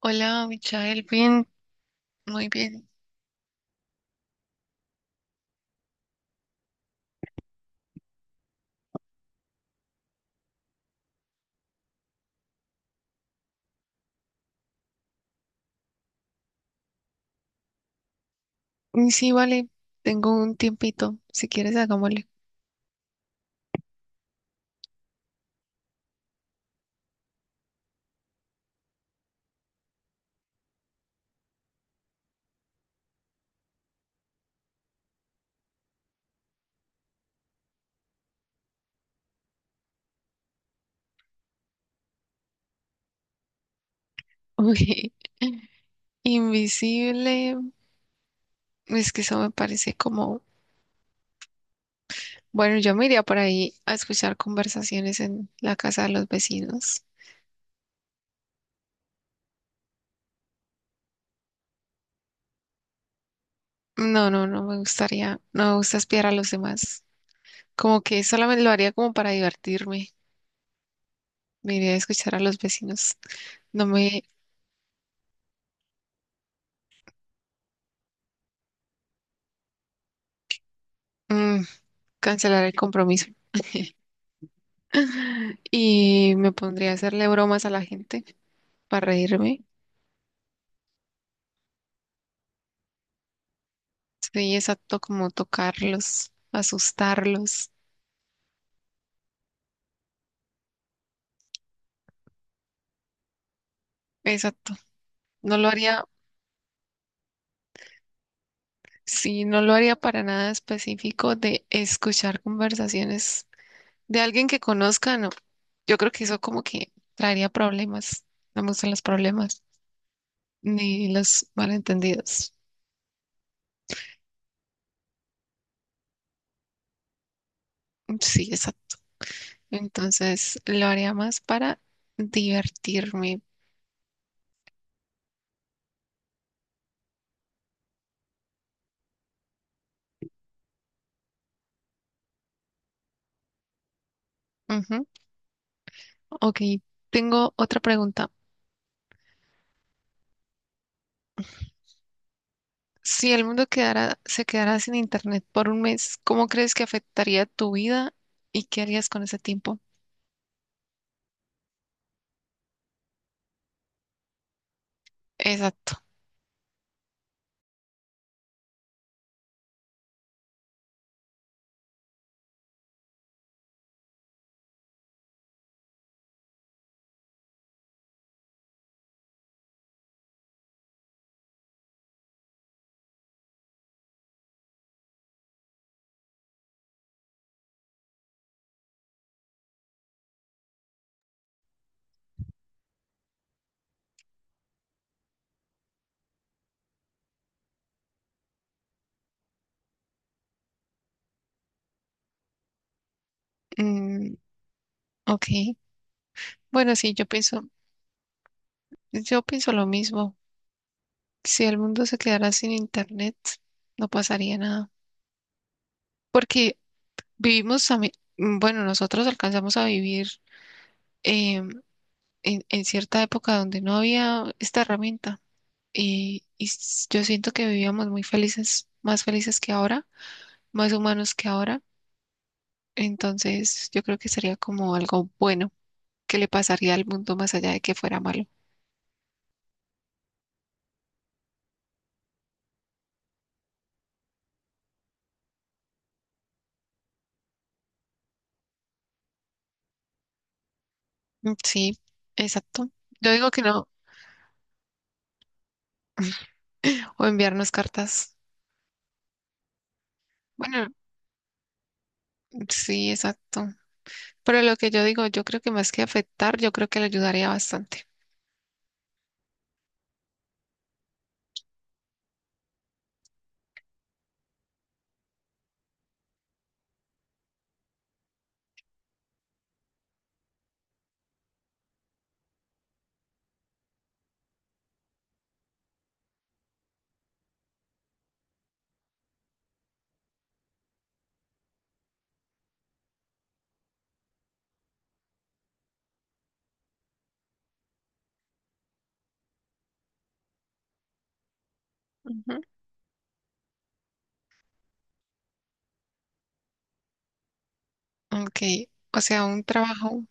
Hola, Michael, bien, muy bien. Sí, vale, tengo un tiempito, si quieres hagámosle. Uy, invisible, es que eso me parece como, bueno, yo me iría por ahí a escuchar conversaciones en la casa de los vecinos. No, no, no me gustaría, no me gusta espiar a los demás. Como que solamente lo haría como para divertirme. Me iría a escuchar a los vecinos. No mm, cancelar el compromiso. Y me pondría a hacerle bromas a la gente para reírme. Sí, exacto, como tocarlos, asustarlos. Exacto. No lo haría, sí, no lo haría para nada específico de escuchar conversaciones de alguien que conozca, no. Yo creo que eso como que traería problemas. No me gustan los problemas ni los malentendidos. Sí, exacto. Entonces lo haría más para divertirme. Ujú. Ok, tengo otra pregunta. Si el mundo quedara, se quedara sin internet por un mes, ¿cómo crees que afectaría tu vida y qué harías con ese tiempo? Exacto. Mm, ok. Bueno, sí, yo pienso lo mismo. Si el mundo se quedara sin internet, no pasaría nada. Porque vivimos también, bueno, nosotros alcanzamos a vivir eh, en cierta época donde no había esta herramienta. Y, yo siento que vivíamos muy felices, más felices que ahora, más humanos que ahora. Entonces, yo creo que sería como algo bueno que le pasaría al mundo más allá de que fuera malo. Mm, sí, exacto. Yo digo que no, o enviarnos cartas. Bueno, sí, exacto. Pero lo que yo digo, yo creo que más que afectar, yo creo que le ayudaría bastante. Ujú. Ok, o sea, un trabajo.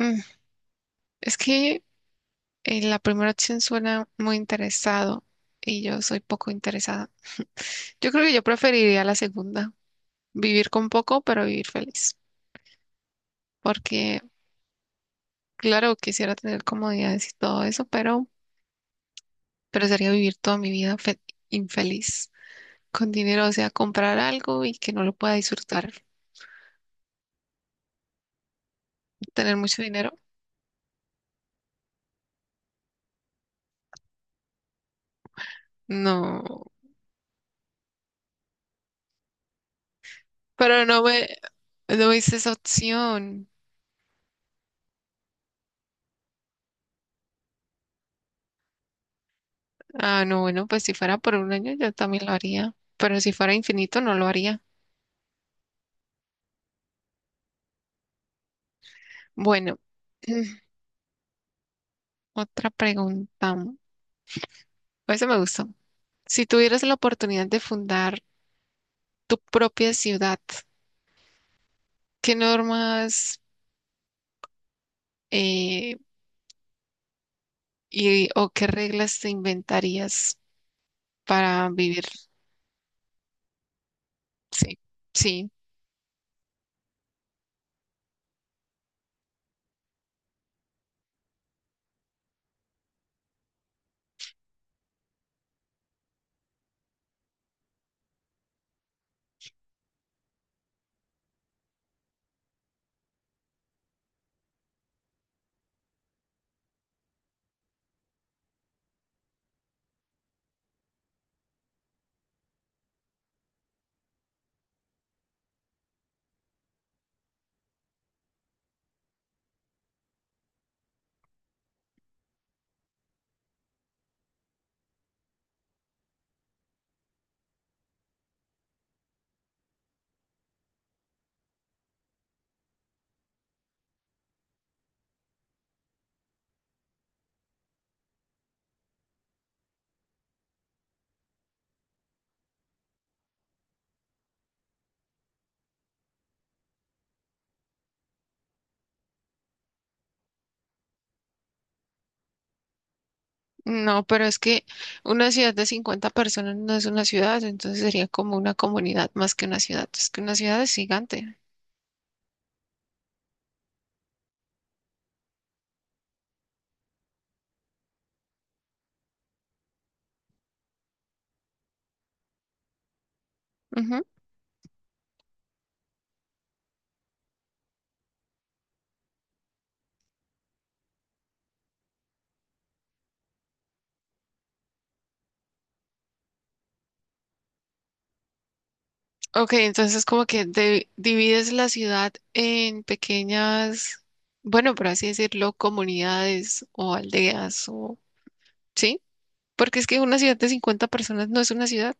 mm, Es que en la primera opción suena muy interesado y yo soy poco interesada. Yo creo que yo preferiría la segunda, vivir con poco, pero vivir feliz, porque claro, quisiera tener comodidades y todo eso, pero sería vivir toda mi vida infeliz con dinero, o sea, comprar algo y que no lo pueda disfrutar. Tener mucho dinero, no, pero no me, no hice esa opción. Ah, no, bueno, pues si fuera por un año yo también lo haría, pero si fuera infinito no lo haría. Bueno. Otra pregunta. Ese me gustó. Si tuvieras la oportunidad de fundar tu propia ciudad, ¿qué normas eh, y, o qué reglas te inventarías para vivir? Sí, sí. No, pero es que una ciudad de 50 personas no es una ciudad, entonces sería como una comunidad más que una ciudad. Es que una ciudad es gigante. Ok, entonces como que divides la ciudad en pequeñas, bueno, por así decirlo, comunidades o aldeas o, ¿sí? Porque es que una ciudad de 50 personas no es una ciudad.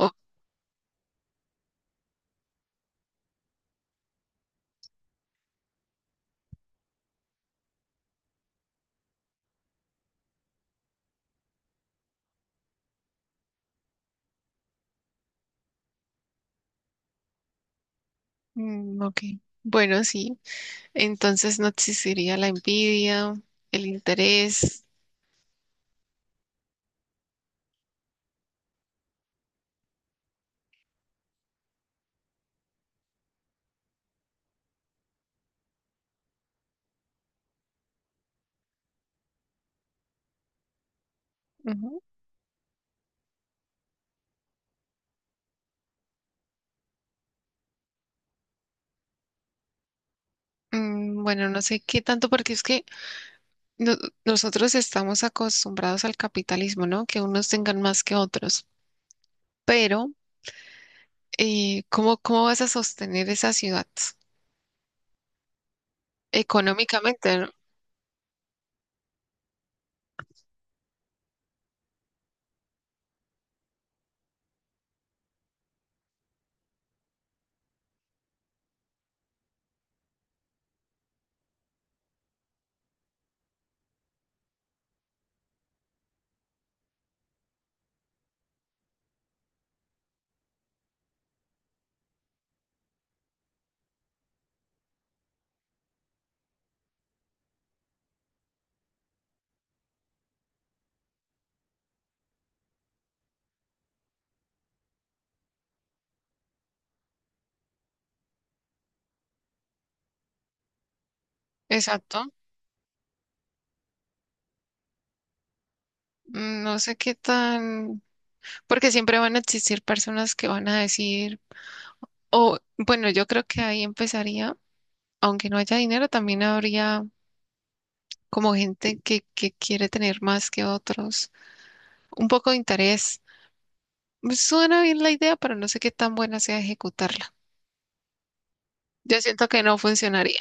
Oh, mm, ok. Bueno, sí. Entonces no existiría la envidia, el interés. Ujú. Mm, bueno, no sé qué tanto, porque es que no- nosotros estamos acostumbrados al capitalismo, ¿no? Que unos tengan más que otros. Pero ¿cómo, cómo vas a sostener esa ciudad económicamente, no? Exacto. Mm, no sé qué tan, porque siempre van a existir personas que van a decir, o bueno, yo creo que ahí empezaría, aunque no haya dinero, también habría como gente que quiere tener más que otros, un poco de interés. Pues, suena bien la idea, pero no sé qué tan buena sea ejecutarla. Yo siento que no funcionaría.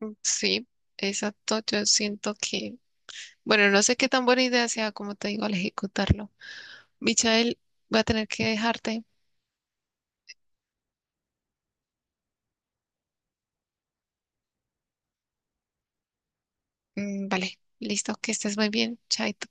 Mm, sí, exacto. Yo siento que bueno, no sé qué tan buena idea sea, como te digo, al ejecutarlo. Michael, voy a tener que dejarte. Mm, vale, listo, que estés muy bien. Chaito.